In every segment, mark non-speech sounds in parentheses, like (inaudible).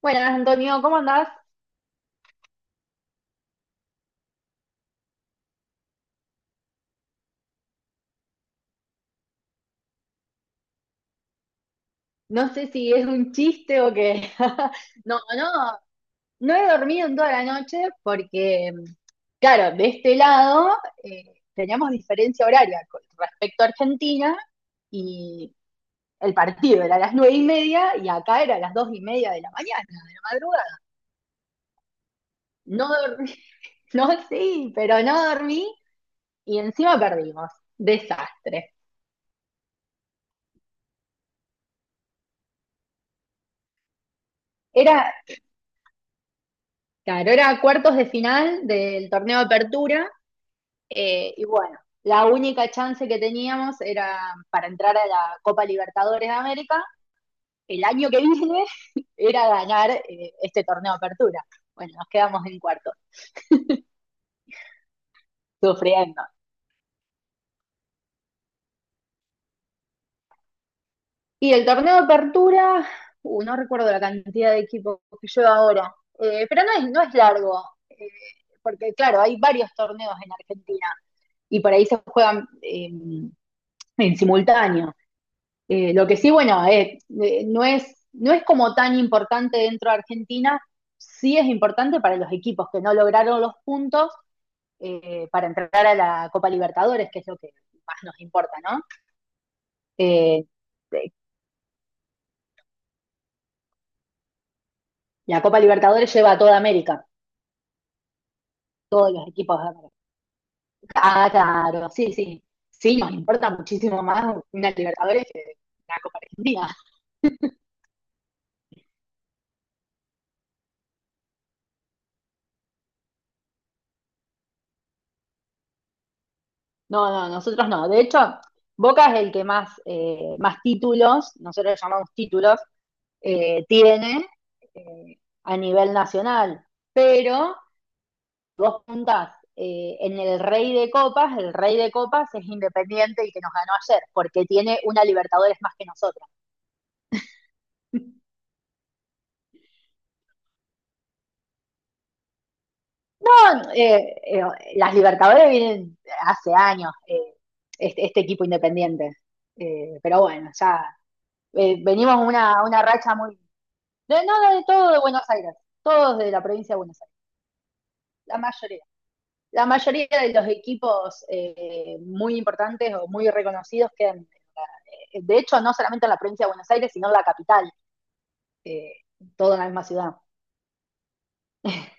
Bueno, Antonio, ¿cómo andás? No sé si es un chiste o qué. (laughs) No, no, no he dormido en toda la noche porque, claro, de este lado eh, teníamos diferencia horaria con respecto a Argentina y el partido era a las 9:30 y acá era a las 2:30 de la mañana, de la madrugada. No dormí, (laughs) no, sí, pero no dormí y encima perdimos. Desastre. Era, claro, era cuartos de final del torneo de apertura. Y bueno, la única chance que teníamos era para entrar a la Copa Libertadores de América. El año que viene (laughs) era ganar este torneo de apertura. Bueno, nos quedamos en cuarto, sufriendo. Y el torneo de apertura, no recuerdo la cantidad de equipos que lleva ahora, pero no es largo, eh, porque claro, hay varios torneos en Argentina y por ahí se juegan en simultáneo. Lo que sí, bueno, no es como tan importante dentro de Argentina, sí es importante para los equipos que no lograron los puntos para entrar a la Copa Libertadores, que es lo que más nos importa, ¿no? Eh, eh, la Copa Libertadores lleva a toda América, todos los equipos de América. Ah, claro, sí, sí. Sí, nos importa muchísimo más una Libertadores que una Copa Argentina. No, no, nosotros no. De hecho, Boca es el que más, más títulos, nosotros llamamos títulos, tiene eh, a nivel nacional. Pero vos juntás en el Rey de Copas, el Rey de Copas es Independiente y que nos ganó ayer, porque tiene una Libertadores más que nosotros. Son, las Libertadores vienen hace años, este equipo Independiente. Pero bueno, ya venimos una racha muy... De, no, de todo de Buenos Aires, todos de la provincia de Buenos Aires, la mayoría. La mayoría de los equipos muy importantes o muy reconocidos quedan, de hecho, no solamente en la provincia de Buenos Aires, sino en la capital, eh, todo en la misma ciudad. (laughs)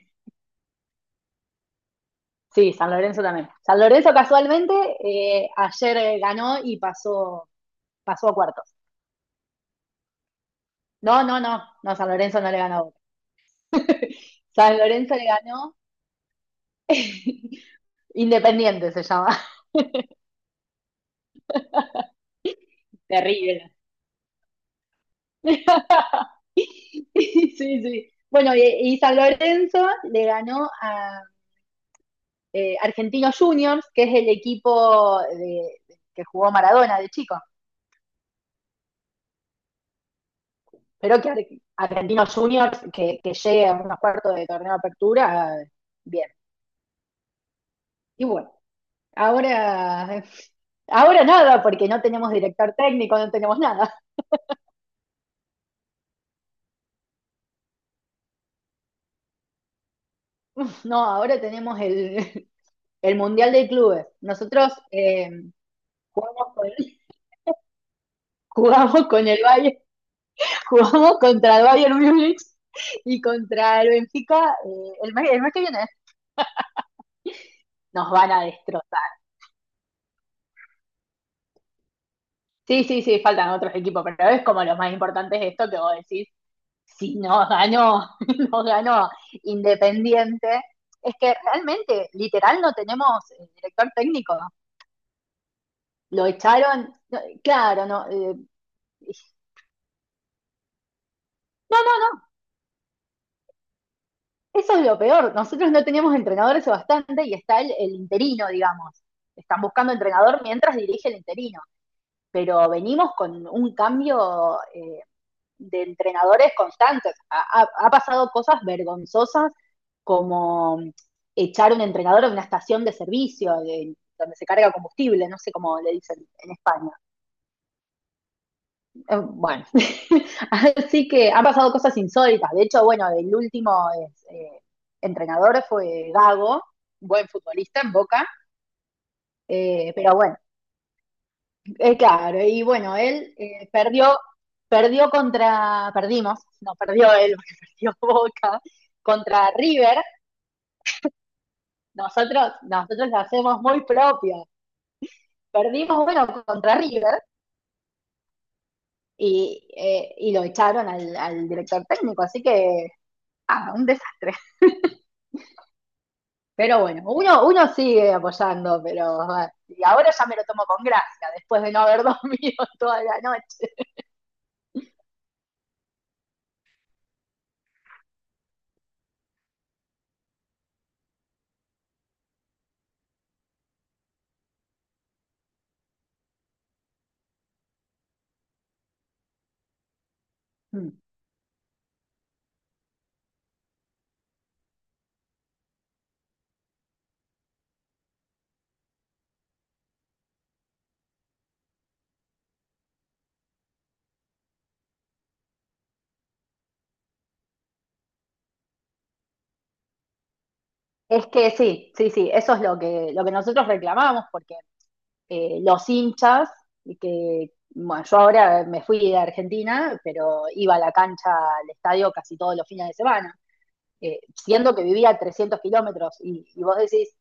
Sí, San Lorenzo también. San Lorenzo casualmente ayer ganó y pasó, pasó a cuartos. No, no, no, no, San Lorenzo no le ganó a Boca. San Lorenzo le ganó (laughs) Independiente se llama. Terrible. (laughs) Sí, sí. Bueno, y San Lorenzo le ganó a Argentinos Juniors, que es el equipo de, que jugó Maradona de chico. Pero que Ar Argentinos Juniors, que llegue a unos cuartos de torneo de apertura, bien. Y bueno, ahora, ahora nada, porque no tenemos director técnico, no tenemos nada. No, ahora tenemos el Mundial de Clubes. Nosotros jugamos, con, jugamos con el Bayern, jugamos contra el Bayern Munich y contra el Benfica el mes que viene. Nos van a destrozar. Sí, sí, sí, faltan otros equipos, pero es como los más importantes de esto que vos decís, si no ganó, (laughs) no ganó Independiente, es que realmente, literal, no tenemos director técnico. Lo echaron, no, claro, no, no, no, no, eso es lo peor. Nosotros no tenemos entrenadores hace bastante y está el interino, digamos. Están buscando entrenador mientras dirige el interino, pero venimos con un cambio de entrenadores constantes. Ha pasado cosas vergonzosas como echar un entrenador de una estación de servicio de- donde se carga combustible, no sé cómo le dicen en España. Bueno, (laughs) así que han pasado cosas insólitas. De hecho, bueno, el último es, entrenador fue Gago, buen futbolista en Boca, pero bueno. Claro, y bueno, él perdió, perdió contra, perdimos, no, perdió él, porque (laughs) perdió Boca, contra River. Nosotros lo hacemos muy propio. Perdimos, bueno, contra River y lo echaron al, al director técnico, así que, ah, un desastre. Pero bueno, uno, uno sigue apoyando, pero ah, y ahora ya me lo tomo con gracia, después de no haber (laughs) dormido toda la noche. Mm. Es que sí, sí, sí, eso es lo que nosotros reclamamos, porque los hinchas, que bueno, yo ahora me fui de Argentina, pero iba a la cancha, al estadio casi todos los fines de semana, siendo que vivía a 300 kilómetros y, vos decís,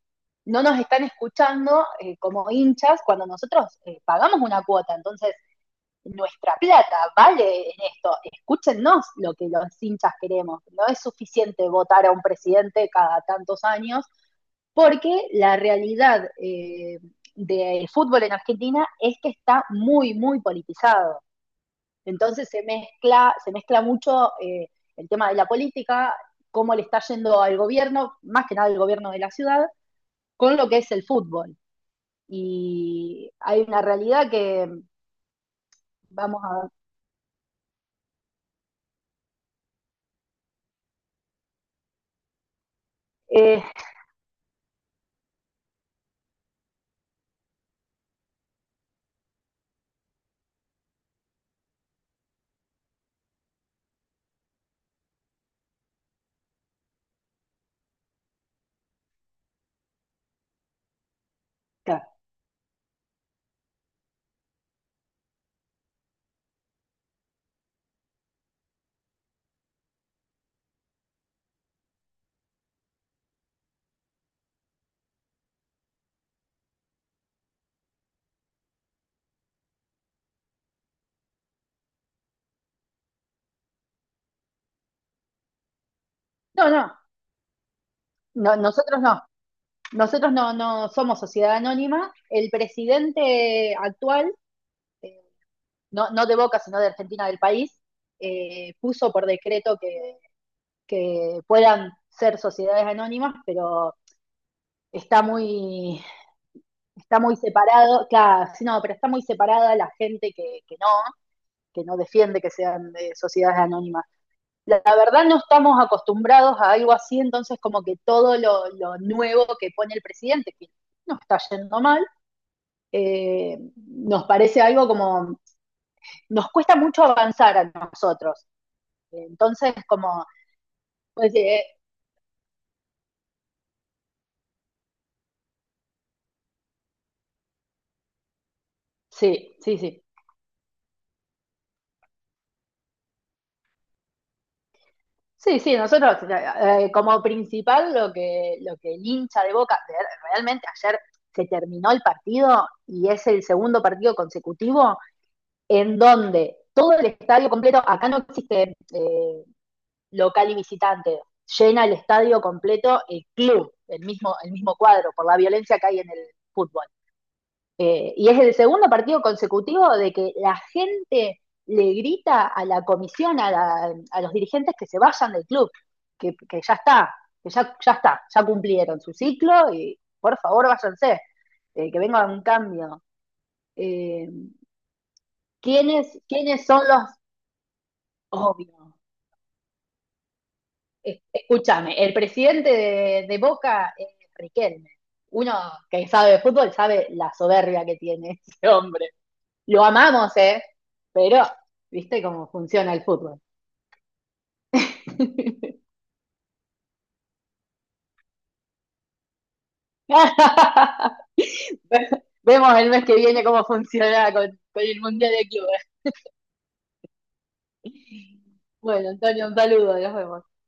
no nos están escuchando como hinchas cuando nosotros pagamos una cuota, entonces nuestra plata vale en esto, escúchennos lo que los hinchas queremos, no es suficiente votar a un presidente cada tantos años porque la realidad del fútbol en Argentina es que está muy, muy politizado. Entonces se mezcla mucho el tema de la política, cómo le está yendo al gobierno, más que nada al gobierno de la ciudad, con lo que es el fútbol. Y hay una realidad que, vamos a ver, eh, claro. No, no, no, nosotros no, nosotros no, no somos sociedad anónima, el presidente actual eh, no, no de Boca, sino de Argentina del país, puso por decreto que puedan ser sociedades anónimas, pero está muy, está muy separado, claro, sí, no, pero está muy separada la gente que no defiende que sean de sociedades anónimas. La, verdad no estamos acostumbrados a algo así, entonces como que todo lo nuevo que pone el presidente, que nos está yendo mal, nos parece algo como, nos cuesta mucho avanzar a nosotros. Entonces, como, pues, sí, sí, sí. Sí, sí, nosotros como principal lo que el hincha de Boca, de- realmente ayer se terminó el partido y es el segundo partido consecutivo en donde todo el estadio completo, acá no existe local y visitante, llena el estadio completo el club, el mismo cuadro, por la violencia que hay en el fútbol. Y es el segundo partido consecutivo de que la gente le grita a la comisión, a, la- a los dirigentes que se vayan del club, que ya está, que ya, ya está, ya cumplieron su ciclo y por favor váyanse, que venga un cambio. Eh, ¿Quiénes, quiénes son los obvios? Es- Escúchame, el presidente de Boca es Riquelme. Uno que sabe de fútbol sabe la soberbia que tiene ese hombre. Lo amamos, ¿eh? Pero, ¿viste cómo funciona el fútbol? (laughs) Vemos el mes que viene cómo funciona con el Mundial de Clubes. Bueno, Antonio, un saludo, nos vemos.